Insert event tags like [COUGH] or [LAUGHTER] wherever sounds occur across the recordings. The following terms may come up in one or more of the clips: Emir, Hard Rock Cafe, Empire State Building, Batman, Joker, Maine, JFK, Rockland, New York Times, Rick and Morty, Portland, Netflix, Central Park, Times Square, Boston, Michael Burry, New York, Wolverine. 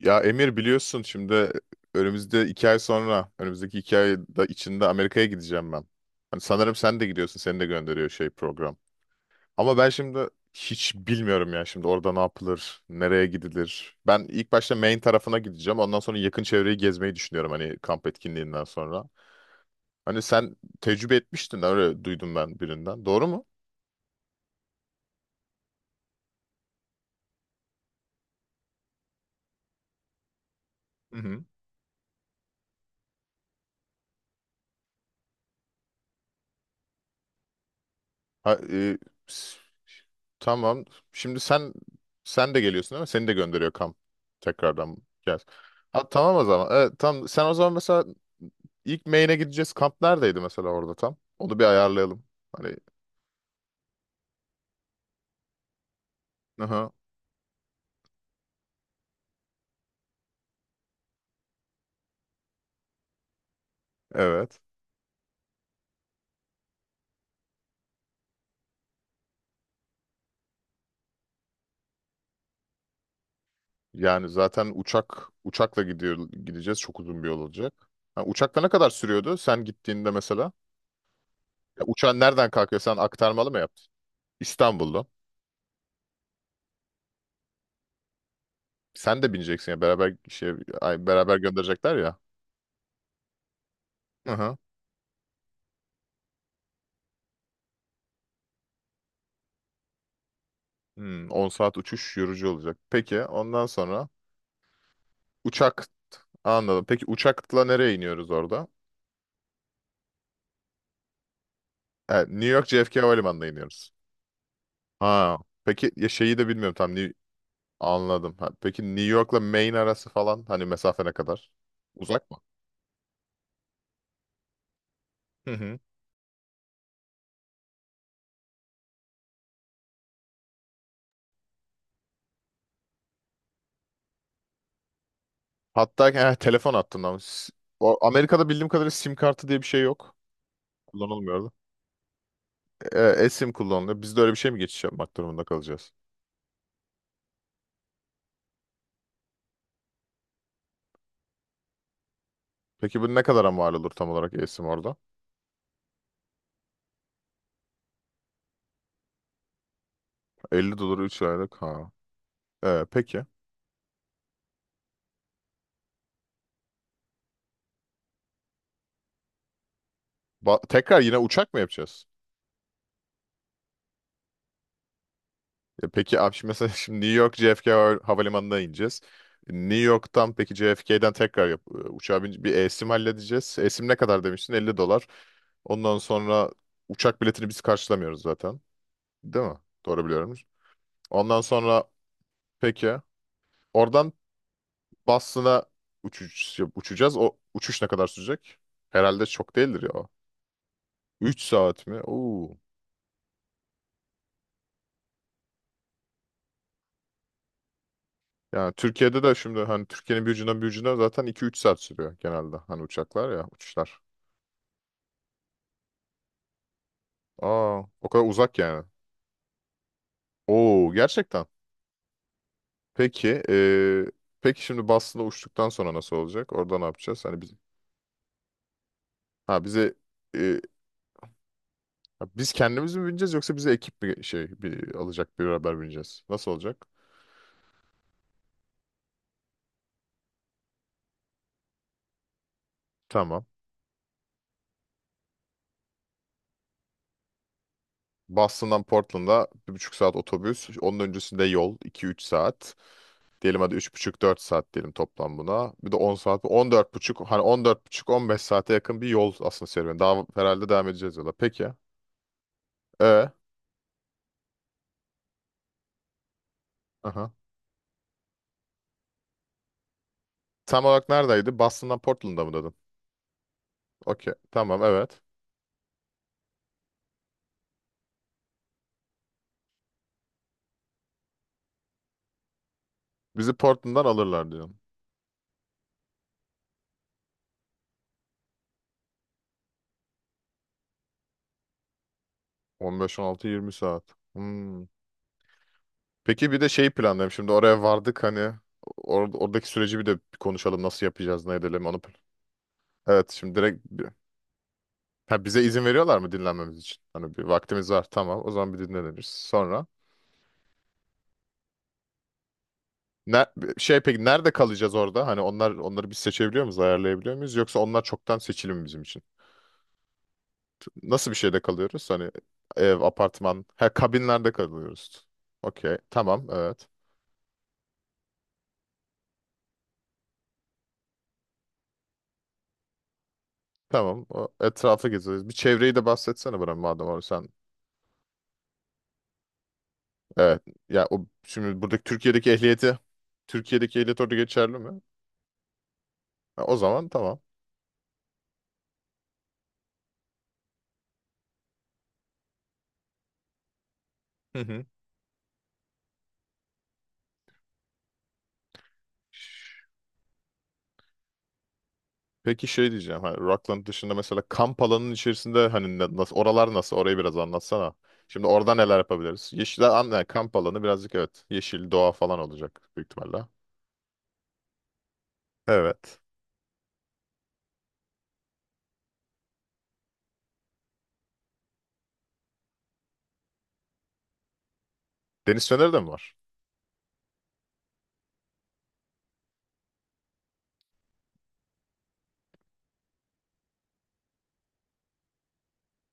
Ya Emir biliyorsun şimdi önümüzde 2 ay sonra, önümüzdeki 2 ay da içinde Amerika'ya gideceğim ben. Hani sanırım sen de gidiyorsun, seni de gönderiyor şey program. Ama ben şimdi hiç bilmiyorum ya şimdi orada ne yapılır, nereye gidilir. Ben ilk başta Maine tarafına gideceğim. Ondan sonra yakın çevreyi gezmeyi düşünüyorum hani kamp etkinliğinden sonra. Hani sen tecrübe etmiştin öyle duydum ben birinden. Doğru mu? Ha, s- tamam. Şimdi sen de geliyorsun değil mi? Seni de gönderiyor kamp. Tekrardan gel. Ha, tamam o zaman. Evet, tamam. Sen o zaman mesela ilk Maine'e gideceğiz. Kamp neredeydi mesela orada tam? Onu bir ayarlayalım. Hani aha, evet. Yani zaten uçakla gideceğiz. Çok uzun bir yol olacak. Ha, uçakla ne kadar sürüyordu sen gittiğinde mesela? Ya, uçağın nereden kalkıyor? Sen aktarmalı mı yaptın? İstanbul'da. Sen de bineceksin ya beraber şey ay, beraber gönderecekler ya. Hmm, 10 saat uçuş yorucu olacak. Peki ondan sonra uçak anladım. Peki uçakla nereye iniyoruz orada? Evet, New York JFK Havalimanı'na iniyoruz. Ha, peki ya şeyi de bilmiyorum tam anladım. Ha, peki New York'la Maine arası falan hani mesafe ne kadar? Uzak mı? Hı hı. Hatta telefon hattından. Ama o Amerika'da bildiğim kadarıyla sim kartı diye bir şey yok. Kullanılmıyordu. eSIM kullanılıyor. Biz de öyle bir şey mi geçiş yapmak durumunda kalacağız? Peki bu ne kadara mal olur tam olarak eSIM orada? 50 dolar 3 aylık. Ha. Peki. Tekrar yine uçak mı yapacağız? Peki abi şimdi mesela [LAUGHS] şimdi New York JFK havalimanına ineceğiz. New York'tan peki JFK'den tekrar uçağa bir esim halledeceğiz. Esim ne kadar demiştin? 50 dolar. Ondan sonra uçak biletini biz karşılamıyoruz zaten. Değil mi? Doğru biliyorum. Ondan sonra peki oradan Boston'a uçacağız. O uçuş ne kadar sürecek? Herhalde çok değildir ya. 3 saat mi? Oo. Yani Türkiye'de de şimdi hani Türkiye'nin bir ucundan bir ucuna zaten 2-3 saat sürüyor genelde. Hani uçaklar ya uçuşlar. Aa, o kadar uzak yani. Oo, gerçekten. Peki peki şimdi Boston'a uçtuktan sonra nasıl olacak? Orada ne yapacağız? Hani biz, ha bize eee, ha, biz kendimiz mi bineceğiz yoksa bize ekip bir şey bir, alacak bir haber bineceğiz? Nasıl olacak? Tamam. Boston'dan Portland'a 1,5 saat otobüs. Onun öncesinde yol 2-3 saat. Diyelim hadi 3,5-4 saat diyelim toplam buna. Bir de 10 saat. 14,5, hani 14,5-15 saate yakın bir yol aslında serüveni. Daha herhalde devam edeceğiz yola. Peki. E, aha. Tam olarak neredeydi? Boston'dan Portland'a mı dedin? Okey. Tamam, evet. Bizi Portland'dan alırlar diyorsun. 15-16, 20 saat. Hmm. Peki bir de şeyi planlayalım. Şimdi oraya vardık hani oradaki süreci bir de bir konuşalım. Nasıl yapacağız, ne edelim onu. Evet şimdi direkt Ha, bize izin veriyorlar mı dinlenmemiz için? Hani bir vaktimiz var tamam. O zaman bir dinleniriz. Sonra Ne, şey peki nerede kalacağız orada? Hani onları biz seçebiliyor muyuz, ayarlayabiliyor muyuz? Yoksa onlar çoktan seçili mi bizim için? Nasıl bir şeyde kalıyoruz? Hani ev, apartman, ha, kabinlerde kalıyoruz. Okey, tamam, evet. Tamam, o etrafı gezeriz. Bir çevreyi de bahsetsene bana madem orada sen. Evet, ya o şimdi Türkiye'deki ehliyet orada geçerli mi? Ha, o zaman tamam. Hı hı. Peki şey diyeceğim. Hani Rockland dışında mesela kamp alanının içerisinde hani nasıl oralar nasıl? Orayı biraz anlatsana. Şimdi orada neler yapabiliriz? Yeşil alan, yani kamp alanı birazcık evet. Yeşil doğa falan olacak büyük ihtimalle. Evet. Deniz feneri de mi var?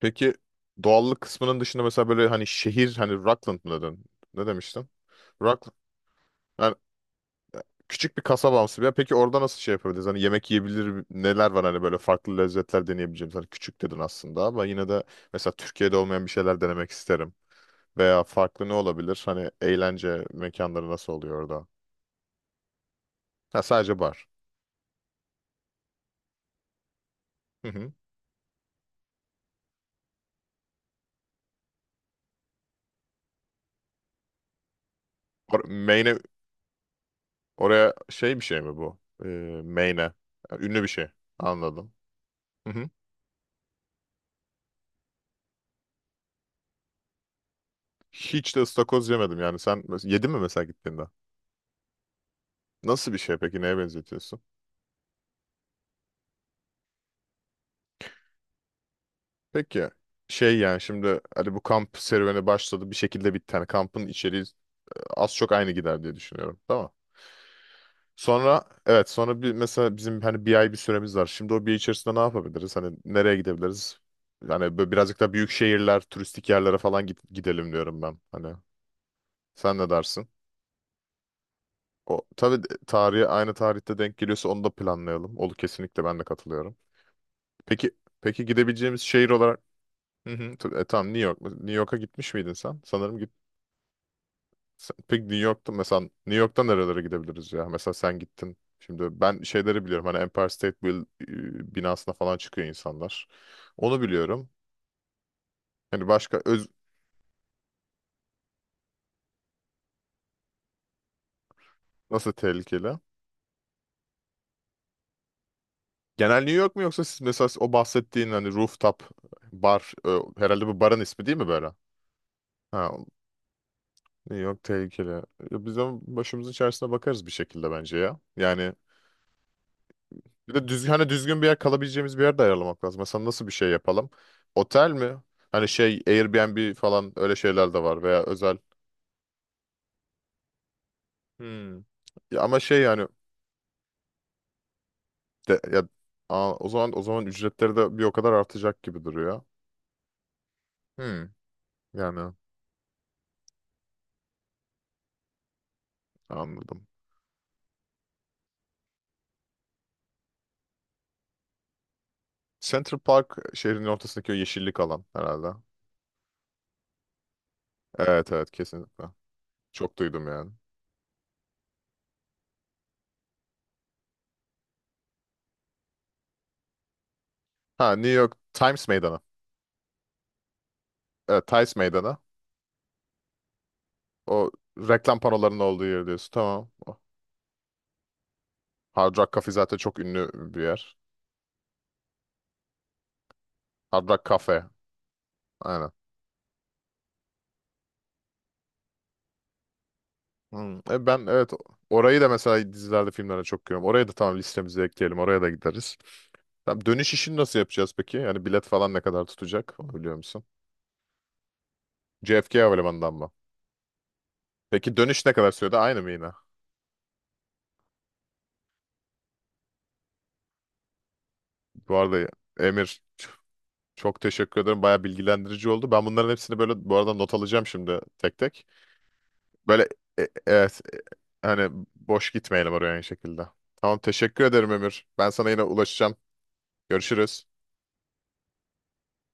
Peki doğallık kısmının dışında mesela böyle hani şehir hani Rockland mı dedin? Ne demiştin? Rockland. Yani küçük bir kasabamsı bir yer. Peki orada nasıl şey yapabiliriz? Hani yemek yiyebilir neler var hani böyle farklı lezzetler deneyebileceğimiz. Hani küçük dedin aslında ama yine de mesela Türkiye'de olmayan bir şeyler denemek isterim. Veya farklı ne olabilir? Hani eğlence mekanları nasıl oluyor orada? Ha, sadece bar. Hı hı. Main'e oraya şey bir şey mi bu? Ee, main'e. Ha, ünlü bir şey. Anladım. Hı hı. Hiç de ıstakoz yemedim yani. Sen yedin mi mesela gittiğinde? Nasıl bir şey peki? Neye benzetiyorsun? Peki şey yani şimdi hani bu kamp serüveni başladı bir şekilde bitti. Hani kampın içeriği az çok aynı gider diye düşünüyorum. Tamam. Sonra evet sonra bir mesela bizim hani bir ay bir süremiz var. Şimdi o bir ay içerisinde ne yapabiliriz? Hani nereye gidebiliriz? Hani böyle birazcık da büyük şehirler, turistik yerlere falan gidelim diyorum ben. Hani sen ne dersin? O tabii tarihi aynı tarihte denk geliyorsa onu da planlayalım. Olur kesinlikle, ben de katılıyorum. Peki, peki gidebileceğimiz şehir olarak. Hı hı, tamam, New York mu? New York'a gitmiş miydin sen? Sanırım. Peki New York'ta mesela New York'ta nerelere gidebiliriz ya? Mesela sen gittin. Şimdi ben şeyleri biliyorum. Hani Empire State binasına falan çıkıyor insanlar. Onu biliyorum. Hani başka nasıl tehlikeli? Genel New York mu yoksa siz mesela o bahsettiğin hani rooftop bar herhalde bu barın ismi değil mi böyle? Ha, New York tehlikeli. Ya, biz de başımızın içerisine bakarız bir şekilde bence ya. Yani bir de düzgün, hani düzgün bir yer kalabileceğimiz bir yer de ayarlamak lazım. Mesela nasıl bir şey yapalım? Otel mi? Hani şey Airbnb falan öyle şeyler de var veya özel. Hmm. Ya ama şey yani de, ya o zaman ücretleri de bir o kadar artacak gibi duruyor. Hmm. Yani anladım. Central Park şehrin ortasındaki o yeşillik alan herhalde. Evet, evet, kesinlikle. Çok duydum yani. Ha, New York Times Meydanı. Evet, Times Meydanı. O reklam panolarının olduğu yer diyorsun. Tamam. Hard Rock Cafe zaten çok ünlü bir yer. Hard Rock Cafe. Aynen. Hmm. Ben evet orayı da mesela dizilerde filmlerde çok görüyorum. Oraya da tamam, listemize ekleyelim. Oraya da gideriz. Tamam, dönüş işini nasıl yapacağız peki? Yani bilet falan ne kadar tutacak? Onu biliyor musun? JFK Havalimanı'ndan mı? Peki dönüş ne kadar sürede? Aynı mı yine? Bu arada Emir, çok teşekkür ederim. Baya bilgilendirici oldu. Ben bunların hepsini böyle bu arada not alacağım şimdi tek tek. Böyle evet, hani boş gitmeyelim oraya aynı şekilde. Tamam, teşekkür ederim Emir. Ben sana yine ulaşacağım. Görüşürüz.